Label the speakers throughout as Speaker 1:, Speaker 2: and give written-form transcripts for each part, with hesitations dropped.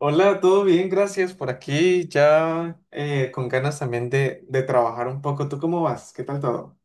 Speaker 1: Hola, todo bien, gracias por aquí. Ya con ganas también de trabajar un poco. ¿Tú cómo vas? ¿Qué tal todo?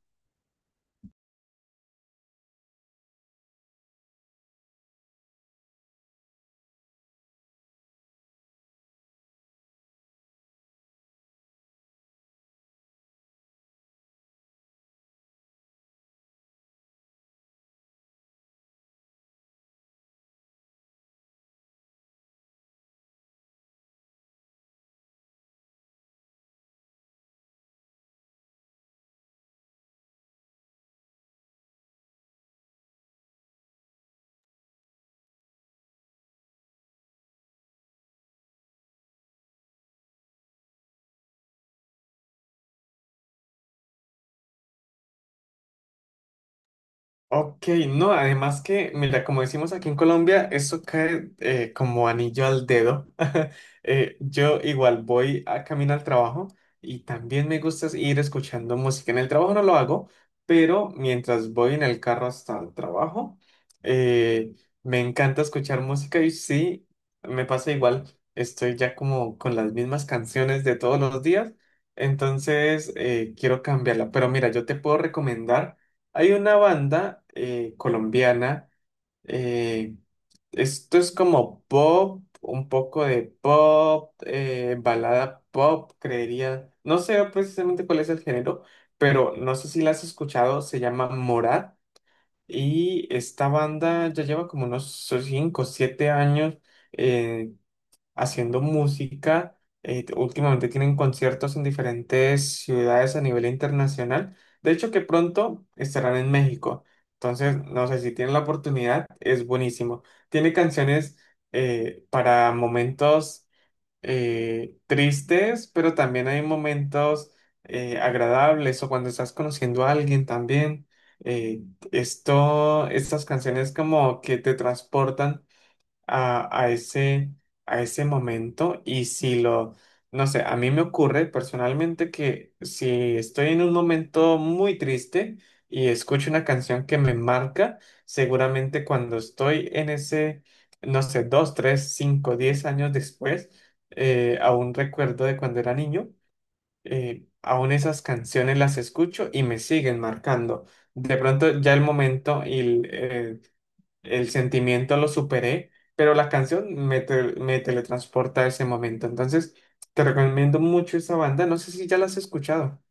Speaker 1: Ok, no, además que, mira, como decimos aquí en Colombia, eso cae como anillo al dedo. Yo igual voy a camino al trabajo y también me gusta ir escuchando música. En el trabajo no lo hago, pero mientras voy en el carro hasta el trabajo, eh, me encanta escuchar música y sí, me pasa igual, estoy ya como con las mismas canciones de todos los días, entonces quiero cambiarla. Pero mira, yo te puedo recomendar. Hay una banda colombiana, eh, esto es como pop, un poco de pop, balada pop, creería. No sé precisamente cuál es el género, pero no sé si la has escuchado, se llama Morat y esta banda ya lleva como unos 5 o 7 años eh, haciendo música. Últimamente tienen conciertos en diferentes ciudades a nivel internacional. De hecho, que pronto estarán en México. Entonces, no sé si tienen la oportunidad, es buenísimo. Tiene canciones para momentos tristes, pero también hay momentos agradables o cuando estás conociendo a alguien también. eh, estas canciones como que te transportan a, a ese, a ese momento y si lo, no sé, a mí me ocurre personalmente que si estoy en un momento muy triste y escucho una canción que me marca, seguramente cuando estoy en ese, no sé, dos, tres, cinco, diez años después, aún recuerdo de cuando era niño. Aún esas canciones las escucho y me siguen marcando. De pronto ya el momento y el sentimiento lo superé, pero la canción me teletransporta a ese momento. Entonces, te recomiendo mucho esa banda. No sé si ya la has escuchado.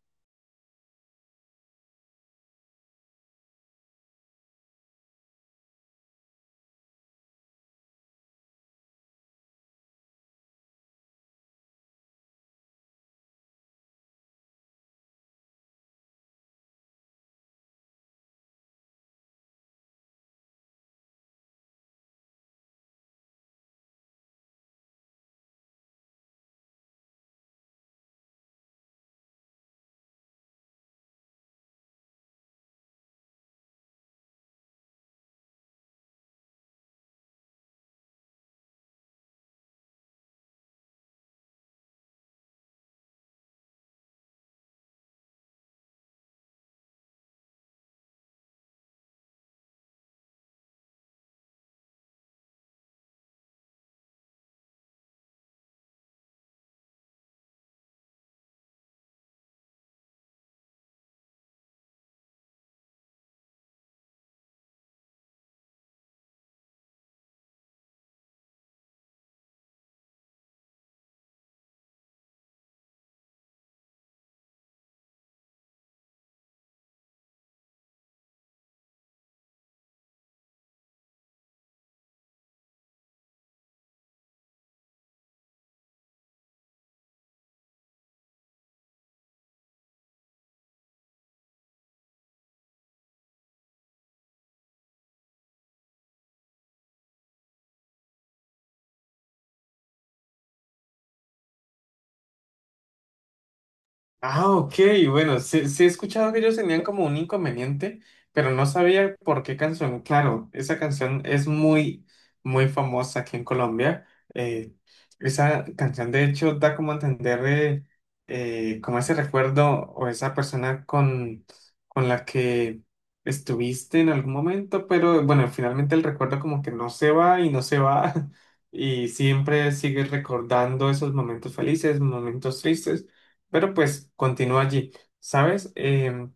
Speaker 1: Ah, ok, bueno, sí, sí he escuchado que ellos tenían como un inconveniente, pero no sabía por qué canción. Claro, esa canción es muy, muy famosa aquí en Colombia. Eh, Esa canción de hecho da como a entender como ese recuerdo o esa persona con la que estuviste en algún momento, pero bueno, finalmente el recuerdo como que no se va y no se va y siempre sigues recordando esos momentos felices, momentos tristes. Pero pues continúa allí. ¿Sabes?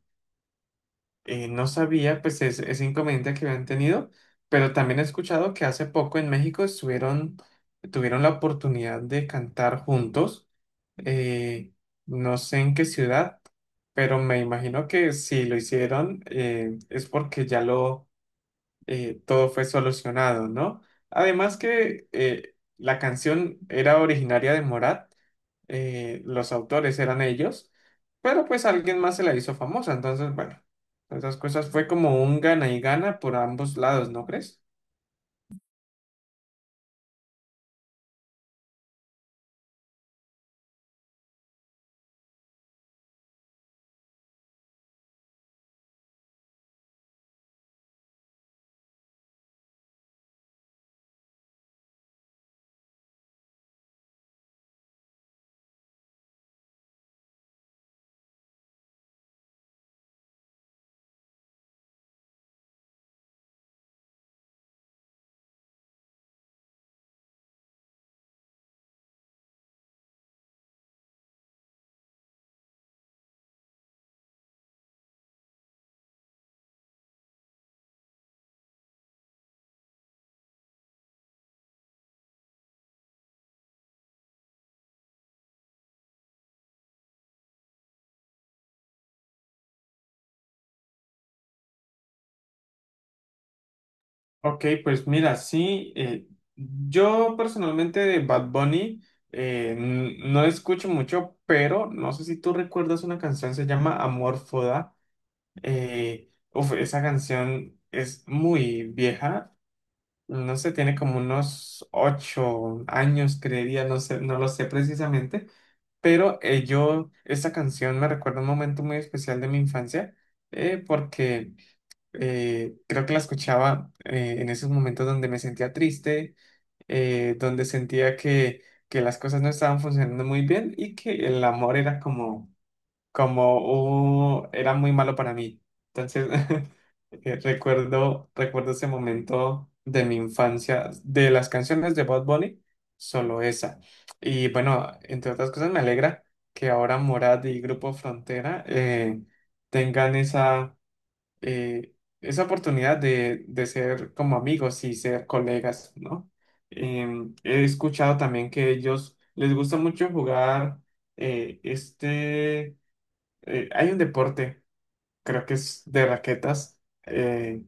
Speaker 1: No sabía pues ese inconveniente que habían tenido, pero también he escuchado que hace poco en México tuvieron la oportunidad de cantar juntos. eh, no sé en qué ciudad, pero me imagino que si lo hicieron es porque ya lo todo fue solucionado, ¿no? Además que la canción era originaria de Morat, los autores eran ellos, pero pues alguien más se la hizo famosa, entonces, bueno, esas cosas fue como un gana y gana por ambos lados, ¿no crees? Ok, pues mira, sí, yo personalmente de Bad Bunny no escucho mucho, pero no sé si tú recuerdas una canción, se llama Amor Foda. Uf, esa canción es muy vieja, no sé, tiene como unos ocho años, creería, no sé, no lo sé precisamente, pero yo, esta canción me recuerda un momento muy especial de mi infancia, porque creo que la escuchaba en esos momentos donde me sentía triste, donde sentía que las cosas no estaban funcionando muy bien y que el amor era como, como, era muy malo para mí. Entonces, recuerdo ese momento de mi infancia, de las canciones de Bad Bunny, solo esa. Y bueno, entre otras cosas me alegra que ahora Morad y Grupo Frontera tengan esa, eh, esa oportunidad de ser como amigos y ser colegas, ¿no? He escuchado también que ellos les gusta mucho jugar eh, este, hay un deporte, creo que es de raquetas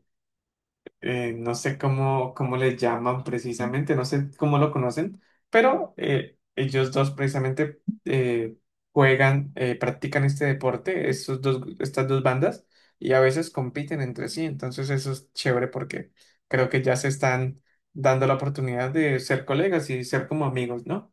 Speaker 1: no sé cómo, cómo le llaman precisamente, no sé cómo lo conocen, pero ellos dos precisamente juegan, practican este deporte, estas dos bandas, y a veces compiten entre sí, entonces eso es chévere porque creo que ya se están dando la oportunidad de ser colegas y ser como amigos, ¿no?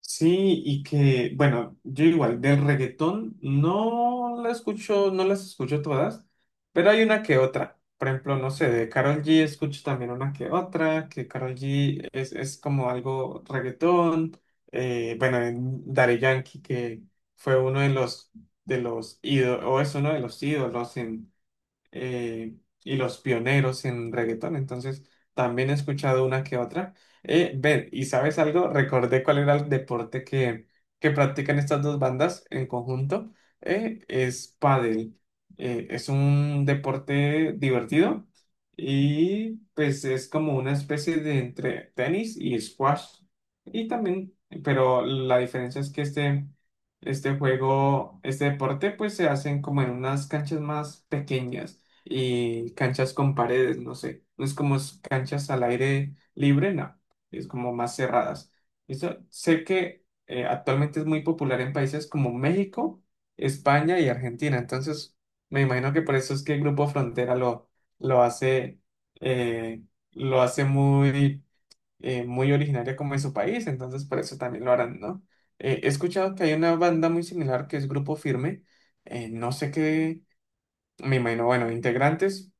Speaker 1: Sí, y que, bueno, yo igual, del reggaetón no la escucho, no las escucho todas, pero hay una que otra. Por ejemplo, no sé, de Karol G escucho también una que otra, que Karol G es como algo reggaetón. Bueno, en Daddy Yankee, que fue uno de los ídolos, o es uno de los ídolos eh, y los pioneros en reggaetón, entonces también he escuchado una que otra. Ver ¿Y sabes algo? Recordé cuál era el deporte que practican estas dos bandas en conjunto. Es pádel. Es un deporte divertido y pues es como una especie de entre tenis y squash. Y también, pero la diferencia es que este juego, este deporte, pues se hacen como en unas canchas más pequeñas y canchas con paredes, no sé. No es como canchas al aire libre, no. Es como más cerradas. Eso, sé que actualmente es muy popular en países como México, España y Argentina. Entonces, me imagino que por eso es que el Grupo Frontera lo hace, eh, lo hace muy, muy originaria como en su país. Entonces, por eso también lo harán, ¿no? He escuchado que hay una banda muy similar que es Grupo Firme. No sé qué, me imagino, bueno, integrantes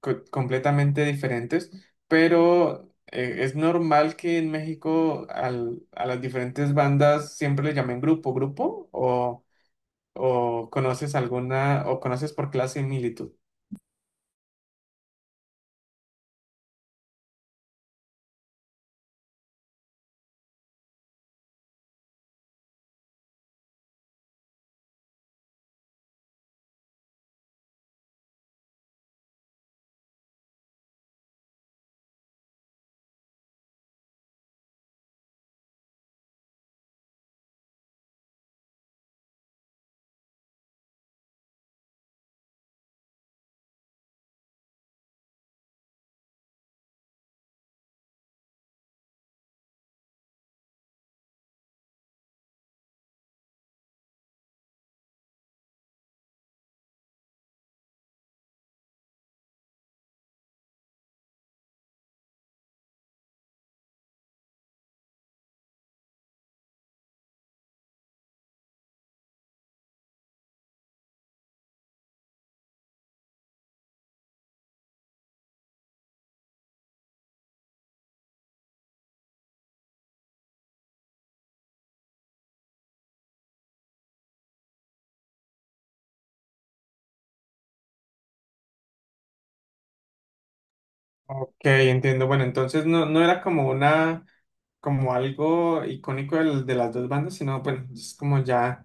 Speaker 1: completamente diferentes, pero es normal que en México a las diferentes bandas siempre le llamen grupo, grupo, o conoces alguna, o conoces por qué la similitud. Ok, entiendo. Bueno, entonces no, no era como una como algo icónico de las dos bandas, sino bueno, es como ya,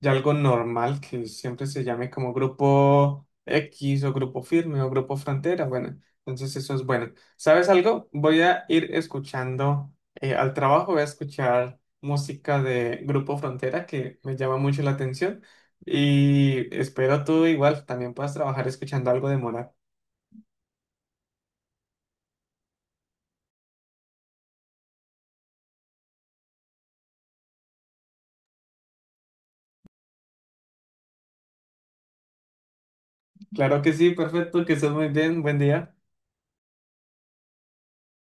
Speaker 1: ya algo normal que siempre se llame como grupo X o grupo firme o grupo frontera. Bueno, entonces eso es bueno. ¿Sabes algo? Voy a ir escuchando al trabajo, voy a escuchar música de grupo frontera que me llama mucho la atención. Y espero tú igual también puedas trabajar escuchando algo de Morat. Claro que sí, perfecto, que estés muy bien, buen día.